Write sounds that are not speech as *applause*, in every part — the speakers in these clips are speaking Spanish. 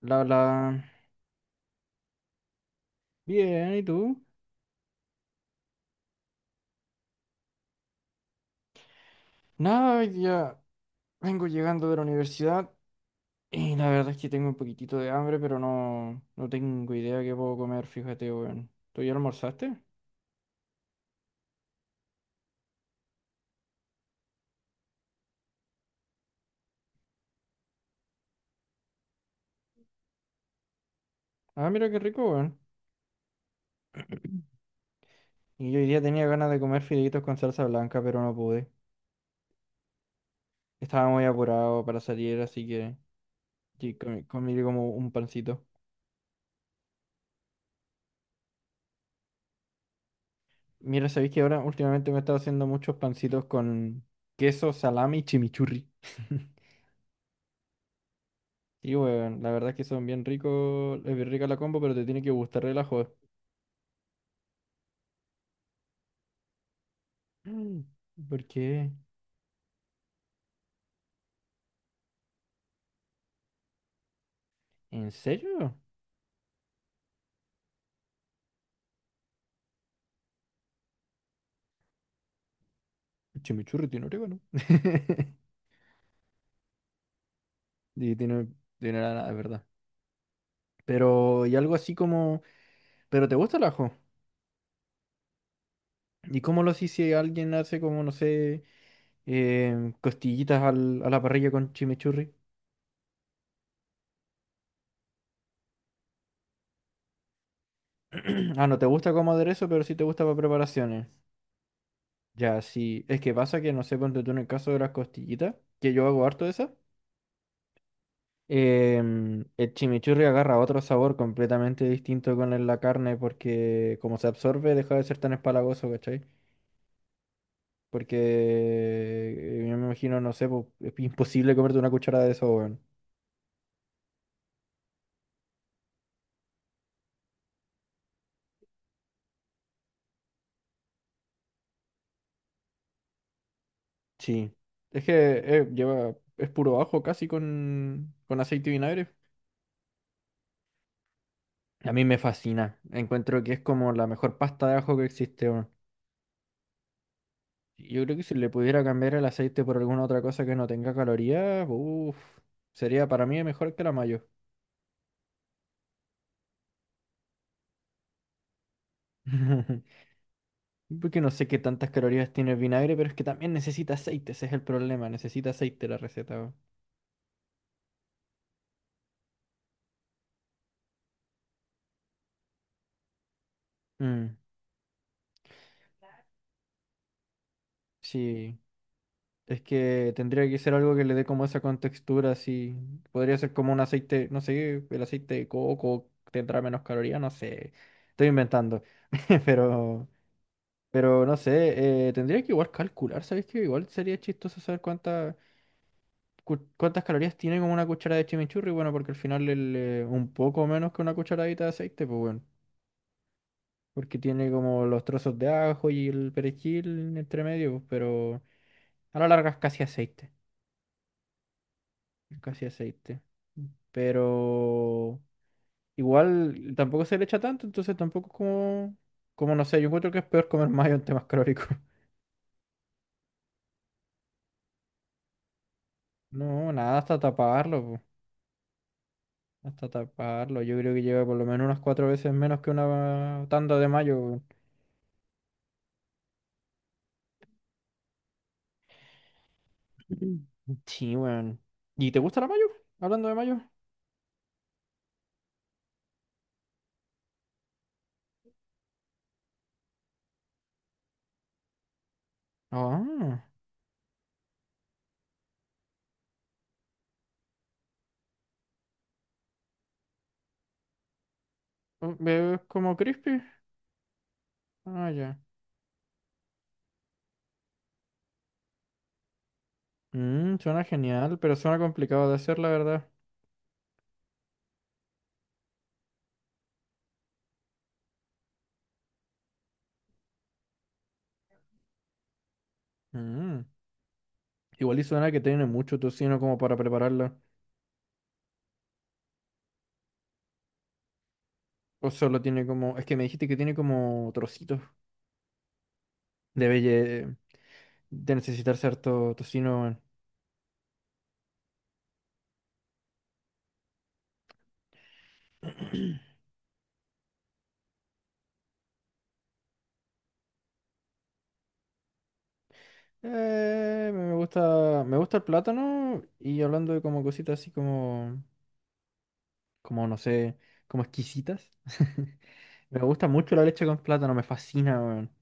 La, la. Bien, ¿y tú? Nada, hoy día vengo llegando de la universidad y la verdad es que tengo un poquitito de hambre, pero no, no tengo idea qué puedo comer, fíjate, weón. ¿Tú ya almorzaste? Ah, mira qué rico, weón. Y yo hoy día tenía ganas de comer fideitos con salsa blanca, pero no pude. Estaba muy apurado para salir, así que sí, comí como un pancito. Mira, sabéis que ahora últimamente me he estado haciendo muchos pancitos con queso, salami y chimichurri. *laughs* Sí, weón, la verdad es que son bien ricos, es bien rica la combo, pero te tiene que gustar el ajo. Mm, ¿por qué? ¿En serio? El chimichurri tiene orégano. *laughs* Y tiene, tiene nada, es verdad. Pero, y algo así como, ¿pero te gusta el ajo? ¿Y cómo lo haces si alguien hace como, no sé, costillitas a la parrilla con chimichurri? *clears throat* Ah, no te gusta como aderezo, pero sí te gusta para preparaciones. Ya, sí. Es que pasa que, no sé, ponte tú en el caso de las costillitas, que yo hago harto de esas. El chimichurri agarra otro sabor completamente distinto con la carne porque como se absorbe deja de ser tan espalagoso, ¿cachai? Porque yo me imagino, no sé, po, es imposible comerte una cucharada de eso, weón. Sí. Es que lleva, es puro ajo casi con aceite y vinagre. A mí me fascina. Encuentro que es como la mejor pasta de ajo que existe, weón. Yo creo que si le pudiera cambiar el aceite por alguna otra cosa que no tenga calorías, sería para mí mejor que la mayo. *laughs* Porque no sé qué tantas calorías tiene el vinagre, pero es que también necesita aceite, ese es el problema, necesita aceite la receta. Weón. Mm, sí, es que tendría que ser algo que le dé como esa contextura, así. Podría ser como un aceite, no sé, el aceite de coco tendrá menos calorías, no sé. Estoy inventando. *laughs* Pero, pero no sé, tendría que igual calcular, ¿sabes qué? Igual sería chistoso saber cuántas calorías tiene como una cuchara de chimichurri, bueno, porque al final un poco menos que una cucharadita de aceite, pues bueno. Porque tiene como los trozos de ajo y el perejil entre medio, pues, pero a la larga es casi aceite, es casi aceite. Pero igual tampoco se le echa tanto, entonces tampoco es como, como no sé, yo encuentro que es peor comer mayo en temas calóricos. *laughs* No, nada, hasta taparlo, po, hasta taparlo. Yo creo que lleva por lo menos unas cuatro veces menos que una tanda de mayo. *clears throat* Weón. Sí, weón. ¿Y te gusta la mayo? Hablando de mayo. Ah, ¿es como crispy? Ah, ya. Mm, suena genial, pero suena complicado de hacer, la verdad. Mm. Igual y suena que tiene mucho tocino como para prepararla. O solo tiene como... Es que me dijiste que tiene como trocitos. Debe lle- de necesitar cierto tocino. Weón. *clears throat* Me gusta, me gusta el plátano y hablando de como cositas así como, como no sé, como exquisitas. *laughs* Me gusta mucho la leche con plátano, me fascina, weón.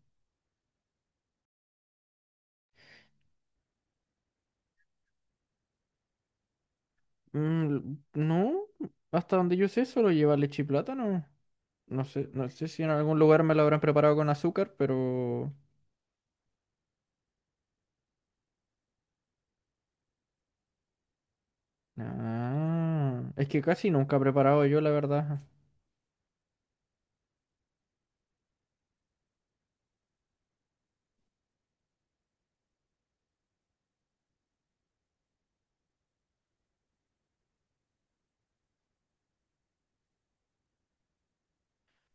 Mm, no, hasta donde yo sé, solo lleva leche y plátano. No sé, no sé si en algún lugar me lo habrán preparado con azúcar, pero... Ah, es que casi nunca he preparado yo, la verdad.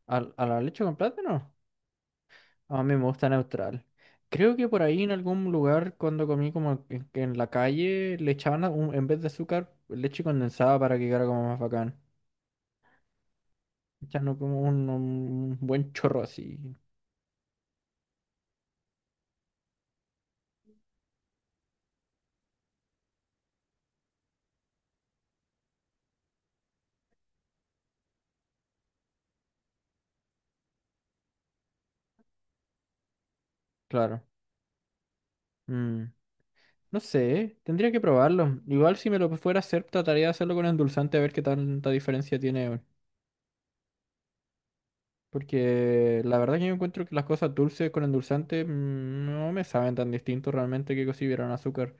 ¿A, la leche con plátano? A mí me gusta neutral. Creo que por ahí en algún lugar, cuando comí como en, que en la calle, le echaban a- un- en vez de azúcar, leche condensada para que quedara como más bacán. Echando como un buen chorro así, claro. Mm. No sé, tendría que probarlo. Igual si me lo fuera a hacer, trataría de hacerlo con endulzante a ver qué tanta diferencia tiene, weón. Porque la verdad que yo encuentro que las cosas dulces con endulzante mm, no me saben tan distinto realmente que si hubieran azúcar.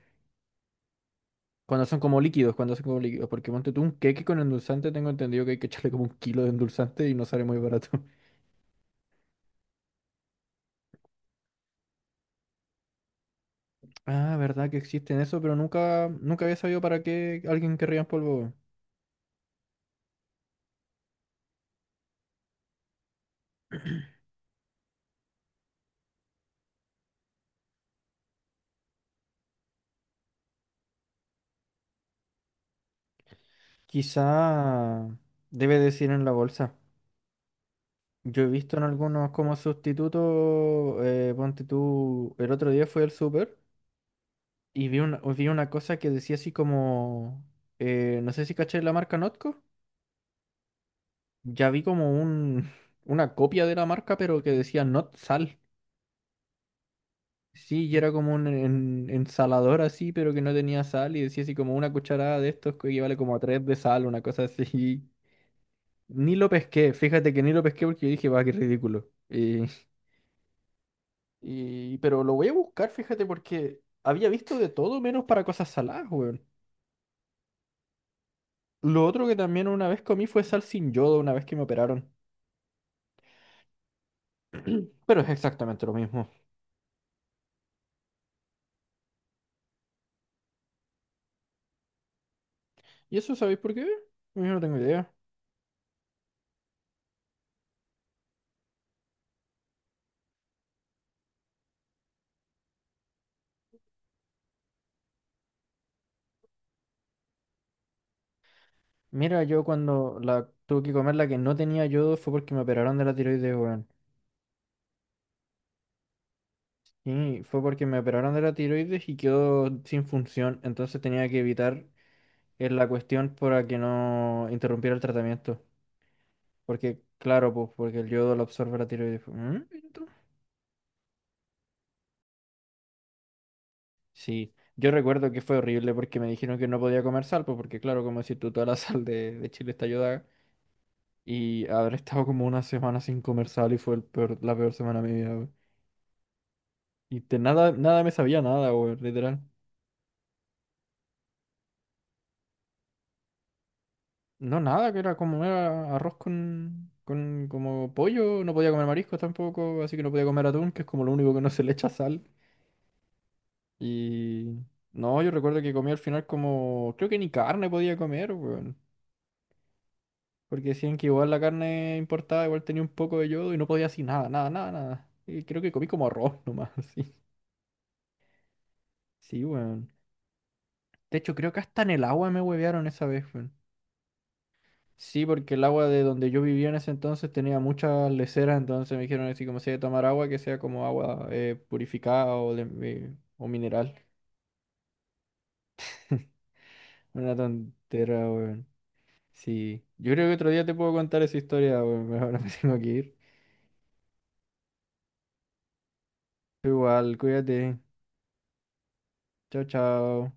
Cuando son como líquidos, cuando son como líquidos. Porque ponte tú un queque con endulzante, tengo entendido que hay que echarle como un kilo de endulzante y no sale muy barato. *laughs* Ah, verdad que existen eso, pero nunca, nunca había sabido para qué alguien querría en polvo, weón. Quizá debe decir en la bolsa. Yo he visto en algunos como sustituto, ponte tú, el otro día fui al súper y vi una cosa que decía así como, no sé si caché la marca Notco, ya vi como un, *laughs* una copia de la marca pero que decía Not Sal. Sí, y era como ensalador así pero que no tenía sal y decía así como una cucharada de estos que equivale como a tres de sal, una cosa así. *laughs* Ni lo pesqué, fíjate que ni lo pesqué porque yo dije, va, qué ridículo. Y, pero lo voy a buscar, fíjate, porque había visto de todo menos para cosas saladas, weón. Lo otro que también una vez comí fue sal sin yodo una vez que me operaron. Pero es exactamente lo mismo. ¿Y eso sabéis por qué? Yo no tengo idea. Mira, yo cuando la tuve que comer la que no tenía yodo fue porque me operaron de la tiroides, weón. Y fue porque me operaron de la tiroides y quedó sin función. Entonces tenía que evitar la cuestión para que no interrumpiera el tratamiento. Porque, claro, pues, porque el yodo lo absorbe la tiroides, pues. Mm, sí, yo recuerdo que fue horrible porque me dijeron que no podía comer sal, pues porque claro, como decís tú, toda la *laughs* sal de Chile está ayudada. Y haber estado como una semana sin comer sal y fue la peor semana de mi vida, weón. Y de nada, nada me sabía nada, weón, literal. No, nada, que era arroz con como pollo, no podía comer mariscos tampoco, así que no podía comer atún, que es como lo único que no se le echa sal. Y no, yo recuerdo que comí al final como, creo que ni carne podía comer, weón. Porque decían que igual la carne importada igual tenía un poco de yodo y no podía así nada, nada, nada, nada. Y creo que comí como arroz nomás, *laughs* así. Sí, weón. De hecho, creo que hasta en el agua me huevearon esa vez, weón. Sí, porque el agua de donde yo vivía en ese entonces tenía muchas leceras, entonces me dijeron así como si hay que tomar agua, que sea como agua purificada o mineral. *laughs* Una tontera, weón. Sí. Yo creo que otro día te puedo contar esa historia, weón. *laughs* Ahora me tengo que ir. Igual, cuídate. Chao, chao.